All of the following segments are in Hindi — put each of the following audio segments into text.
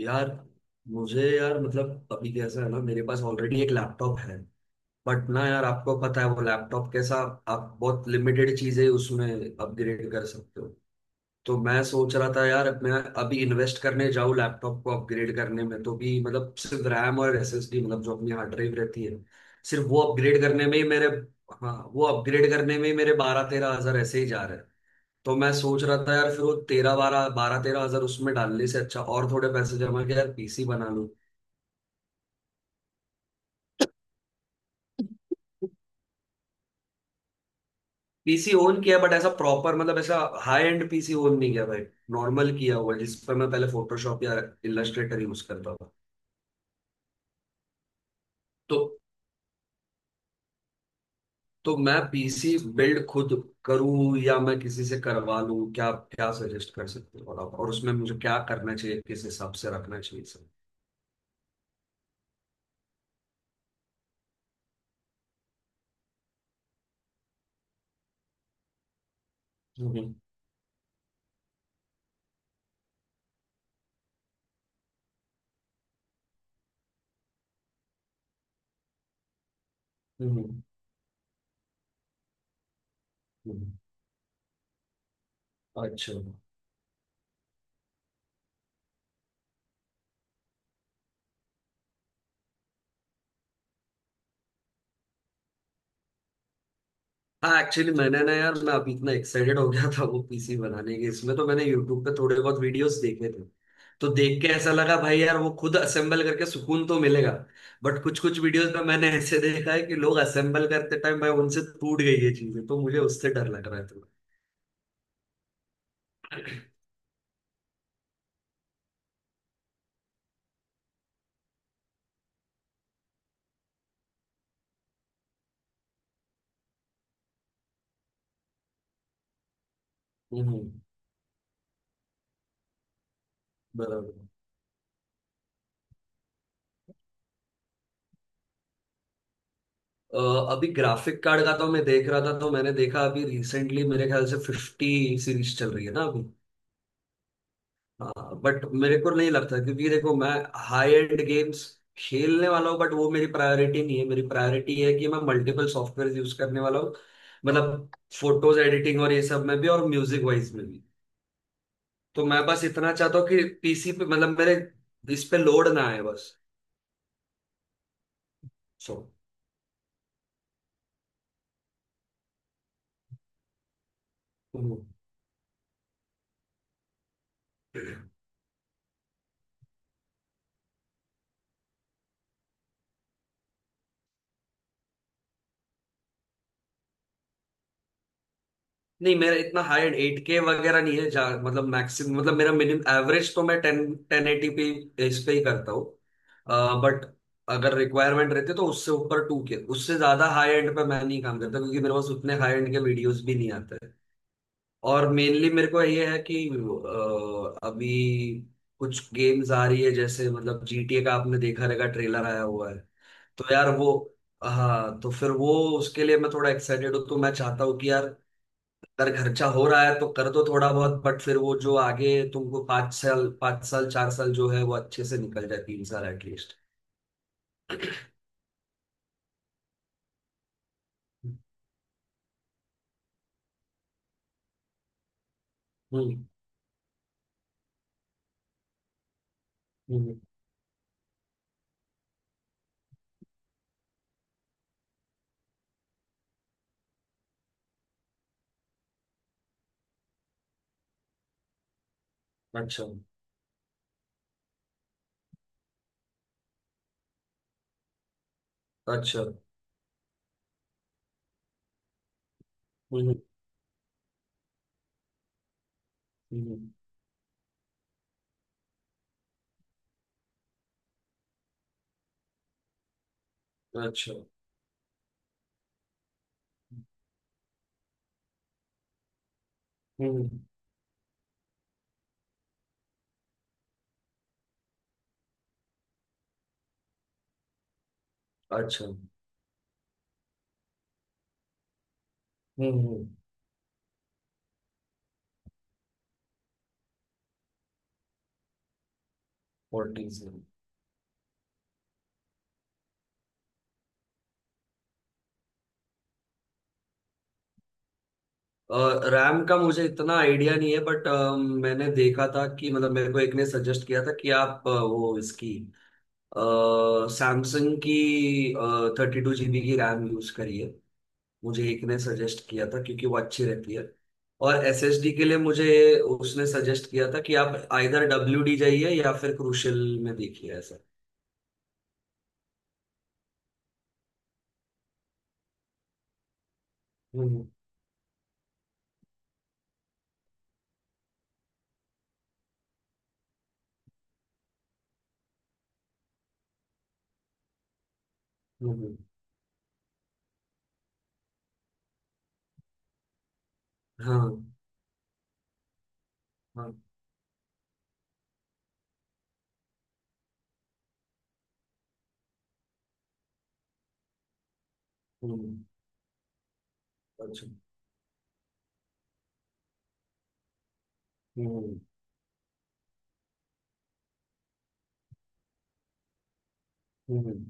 यार मुझे यार मतलब अभी कैसा है ना, मेरे पास ऑलरेडी एक लैपटॉप है। बट ना यार, आपको पता है वो लैपटॉप कैसा। आप बहुत लिमिटेड चीजें उसमें अपग्रेड कर सकते हो। तो मैं सोच रहा था यार, मैं अभी इन्वेस्ट करने जाऊँ लैपटॉप को अपग्रेड करने में, तो भी मतलब सिर्फ रैम और एसएसडी, मतलब जो अपनी हार्ड ड्राइव रहती है, सिर्फ वो अपग्रेड करने में ही मेरे, हाँ वो अपग्रेड करने में ही मेरे 12-13 हजार ऐसे ही जा रहे हैं। तो मैं सोच रहा था यार, फिर वो तेरह बारह बारह तेरह हजार उसमें डालने से अच्छा और थोड़े पैसे जमा के यार पीसी बना लूं। पीसी ओन किया बट ऐसा प्रॉपर, मतलब ऐसा हाई एंड पीसी ओन नहीं किया भाई। नॉर्मल किया हुआ जिस पर मैं पहले फोटोशॉप या इलस्ट्रेटर यूज करता था। तो तो मैं पीसी बिल्ड खुद करूं या मैं किसी से करवा लूं, क्या क्या सजेस्ट कर सकते हो आप, और उसमें मुझे क्या करना चाहिए, किस हिसाब से रखना चाहिए सर। हम्म। हम्म, हम्म। अच्छा। हाँ एक्चुअली मैंने ना यार, मैं अभी इतना एक्साइटेड हो गया था वो पीसी बनाने के, इसमें तो मैंने यूट्यूब पे थोड़े बहुत वीडियोस देखे थे। तो देख के ऐसा लगा भाई यार वो खुद असेंबल करके सुकून तो मिलेगा। बट कुछ कुछ वीडियोस में मैंने ऐसे देखा है कि लोग असेंबल करते टाइम भाई उनसे टूट गई ये चीजें, तो मुझे उससे डर लग रहा है थोड़ा। हम्म, हम्म, बराबर। अ, अभी ग्राफिक कार्ड का तो मैं देख रहा था, तो मैंने देखा अभी रिसेंटली मेरे ख्याल से 50 सीरीज चल रही है ना अभी, बट मेरे को नहीं लगता क्योंकि देखो मैं हाई एंड गेम्स खेलने वाला हूँ, बट वो मेरी प्रायोरिटी नहीं है। मेरी प्रायोरिटी है कि मैं मल्टीपल सॉफ्टवेयर यूज करने वाला हूँ, मतलब फोटोज एडिटिंग और ये सब में भी, और म्यूजिक वाइज में भी। तो मैं बस इतना चाहता हूँ कि पीसी पे, मतलब मेरे इस पे लोड ना आए बस। सो नहीं, मेरा इतना हाई एंड 8K वगैरह नहीं है जहाँ, मतलब मैक्सिमम, मतलब मेरा मिनिमम एवरेज तो मैं टेन टेन एटी पी इस पे ही करता हूँ। बट अगर रिक्वायरमेंट रहती है तो उससे ऊपर 2K, उससे ज्यादा हाई एंड पे मैं नहीं काम करता क्योंकि मेरे पास उतने हाई एंड के वीडियोस भी नहीं आते हैं। और मेनली मेरे को ये है कि अभी कुछ गेम्स आ रही है, जैसे मतलब जीटीए का आपने देखा रहेगा ट्रेलर आया हुआ है। तो यार वो, हाँ तो फिर वो उसके लिए मैं थोड़ा एक्साइटेड हूँ। तो मैं चाहता हूँ कि यार, अगर खर्चा हो रहा है तो कर दो थोड़ा बहुत, बट फिर वो जो आगे तुमको 5 साल 5 साल 4 साल जो है वो अच्छे से निकल जाए, 3 साल एटलीस्ट। हम्म हम्म। अच्छा। अच्छा। हम्म हम्म। अच्छा। हम्म। अच्छा। हम्म। 14 से। रैम का मुझे इतना आइडिया नहीं है बट मैंने देखा था कि, मतलब मेरे को एक ने सजेस्ट किया था कि आप वो इसकी सैमसंग की 32 जीबी की रैम यूज करिए, मुझे एक ने सजेस्ट किया था क्योंकि वो अच्छी रहती है। और एसएसडी के लिए मुझे उसने सजेस्ट किया था कि आप आइदर डब्ल्यूडी जाइए या फिर क्रूशल में देखिए ऐसा। हम्म हम्म। हाँ हाँ। हम्म। अच्छा। हम्म हम्म।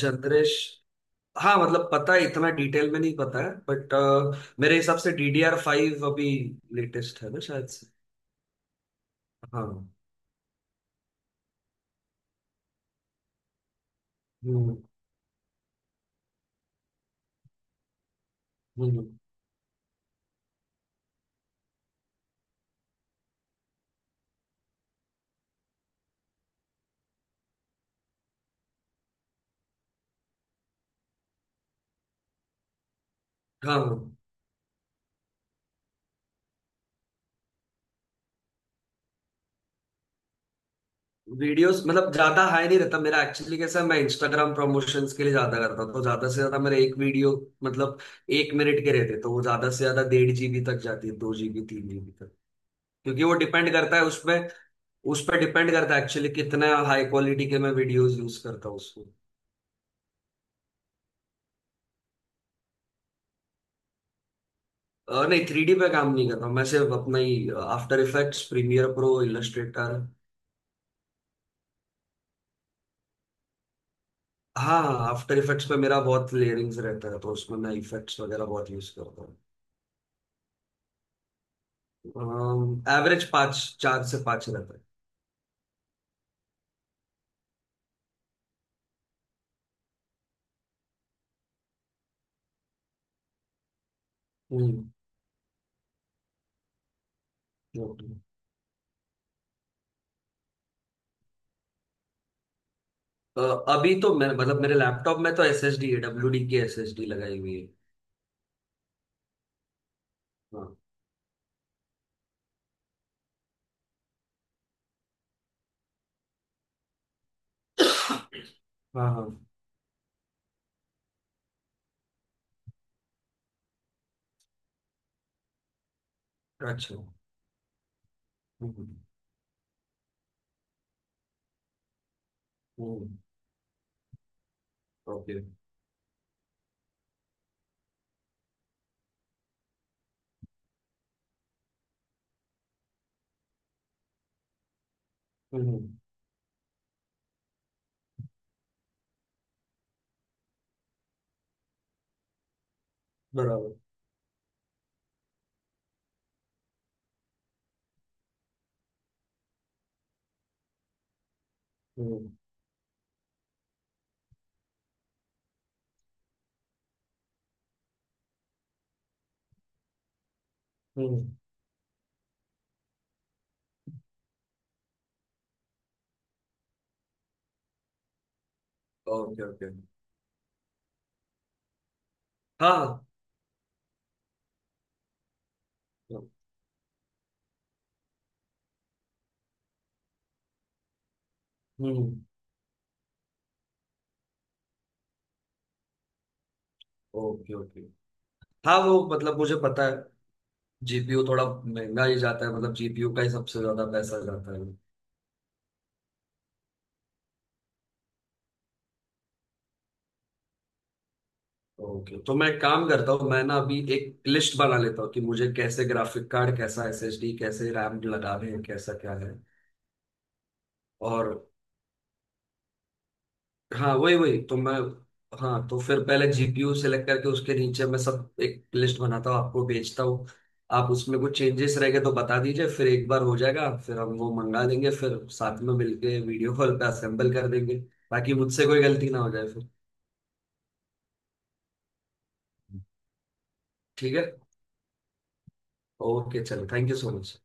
जनरेश हाँ मतलब पता है, इतना डिटेल में नहीं पता है बट मेरे हिसाब से DDR5 अभी लेटेस्ट है ना शायद से। हाँ। हम्म। हम्म। हाँ। वीडियोस मतलब ज्यादा हाई नहीं रहता मेरा, एक्चुअली कैसा है, मैं इंस्टाग्राम प्रमोशंस के लिए ज्यादा करता हूं, तो ज्यादा से ज्यादा मेरे एक वीडियो, मतलब 1 मिनट के रहते तो वो ज्यादा से ज्यादा 1.5 जीबी तक जाती है, 2 जीबी 3 जीबी तक, क्योंकि वो डिपेंड करता है उसमें, उस पर डिपेंड करता है एक्चुअली कितना हाई क्वालिटी के मैं वीडियोस यूज करता हूँ उसको। नहीं थ्री डी पे काम नहीं करता हूं, मैं सिर्फ अपना ही after effects premiere pro illustrator. हाँ। आफ्टर इफेक्ट्स पे मेरा बहुत लेयरिंग्स रहता है, तो उसमें मैं इफेक्ट्स वगैरह बहुत यूज करता हूँ। एवरेज 5, 4 से 5 रहता है। हम्म। Okay. अ, अभी तो मैं मतलब मेरे लैपटॉप में तो एस एस डी है, डब्ल्यू डी की एस एस डी लगाई हुई है। हाँ हाँ। हाँ। अच्छा। हम्म हम्म। ओके। हम्म, बराबर। हम्म हम्म। Okay okay. हाँ। हम्म। Okay okay. हाँ वो मतलब मुझे पता है। जीपीयू थोड़ा महंगा ही जाता है, मतलब जीपीयू का ही सबसे ज्यादा पैसा जाता है। ओके तो मैं काम करता हूँ, मैं ना अभी एक लिस्ट बना लेता हूँ कि मुझे कैसे ग्राफिक कार्ड, कैसा एसएसडी, कैसे रैम लगाने हैं, कैसा क्या है, और हाँ वही वही तो मैं, हाँ तो फिर पहले जीपीयू सेलेक्ट करके उसके नीचे मैं सब एक लिस्ट बनाता हूँ आपको भेजता हूँ। आप उसमें कुछ चेंजेस रह गए तो बता दीजिए, फिर एक बार हो जाएगा, फिर हम वो मंगा देंगे फिर साथ में मिलके वीडियो कॉल पे असेंबल कर देंगे, ताकि मुझसे कोई गलती ना हो जाए फिर। ठीक है। ओके चलो थैंक यू सो मच।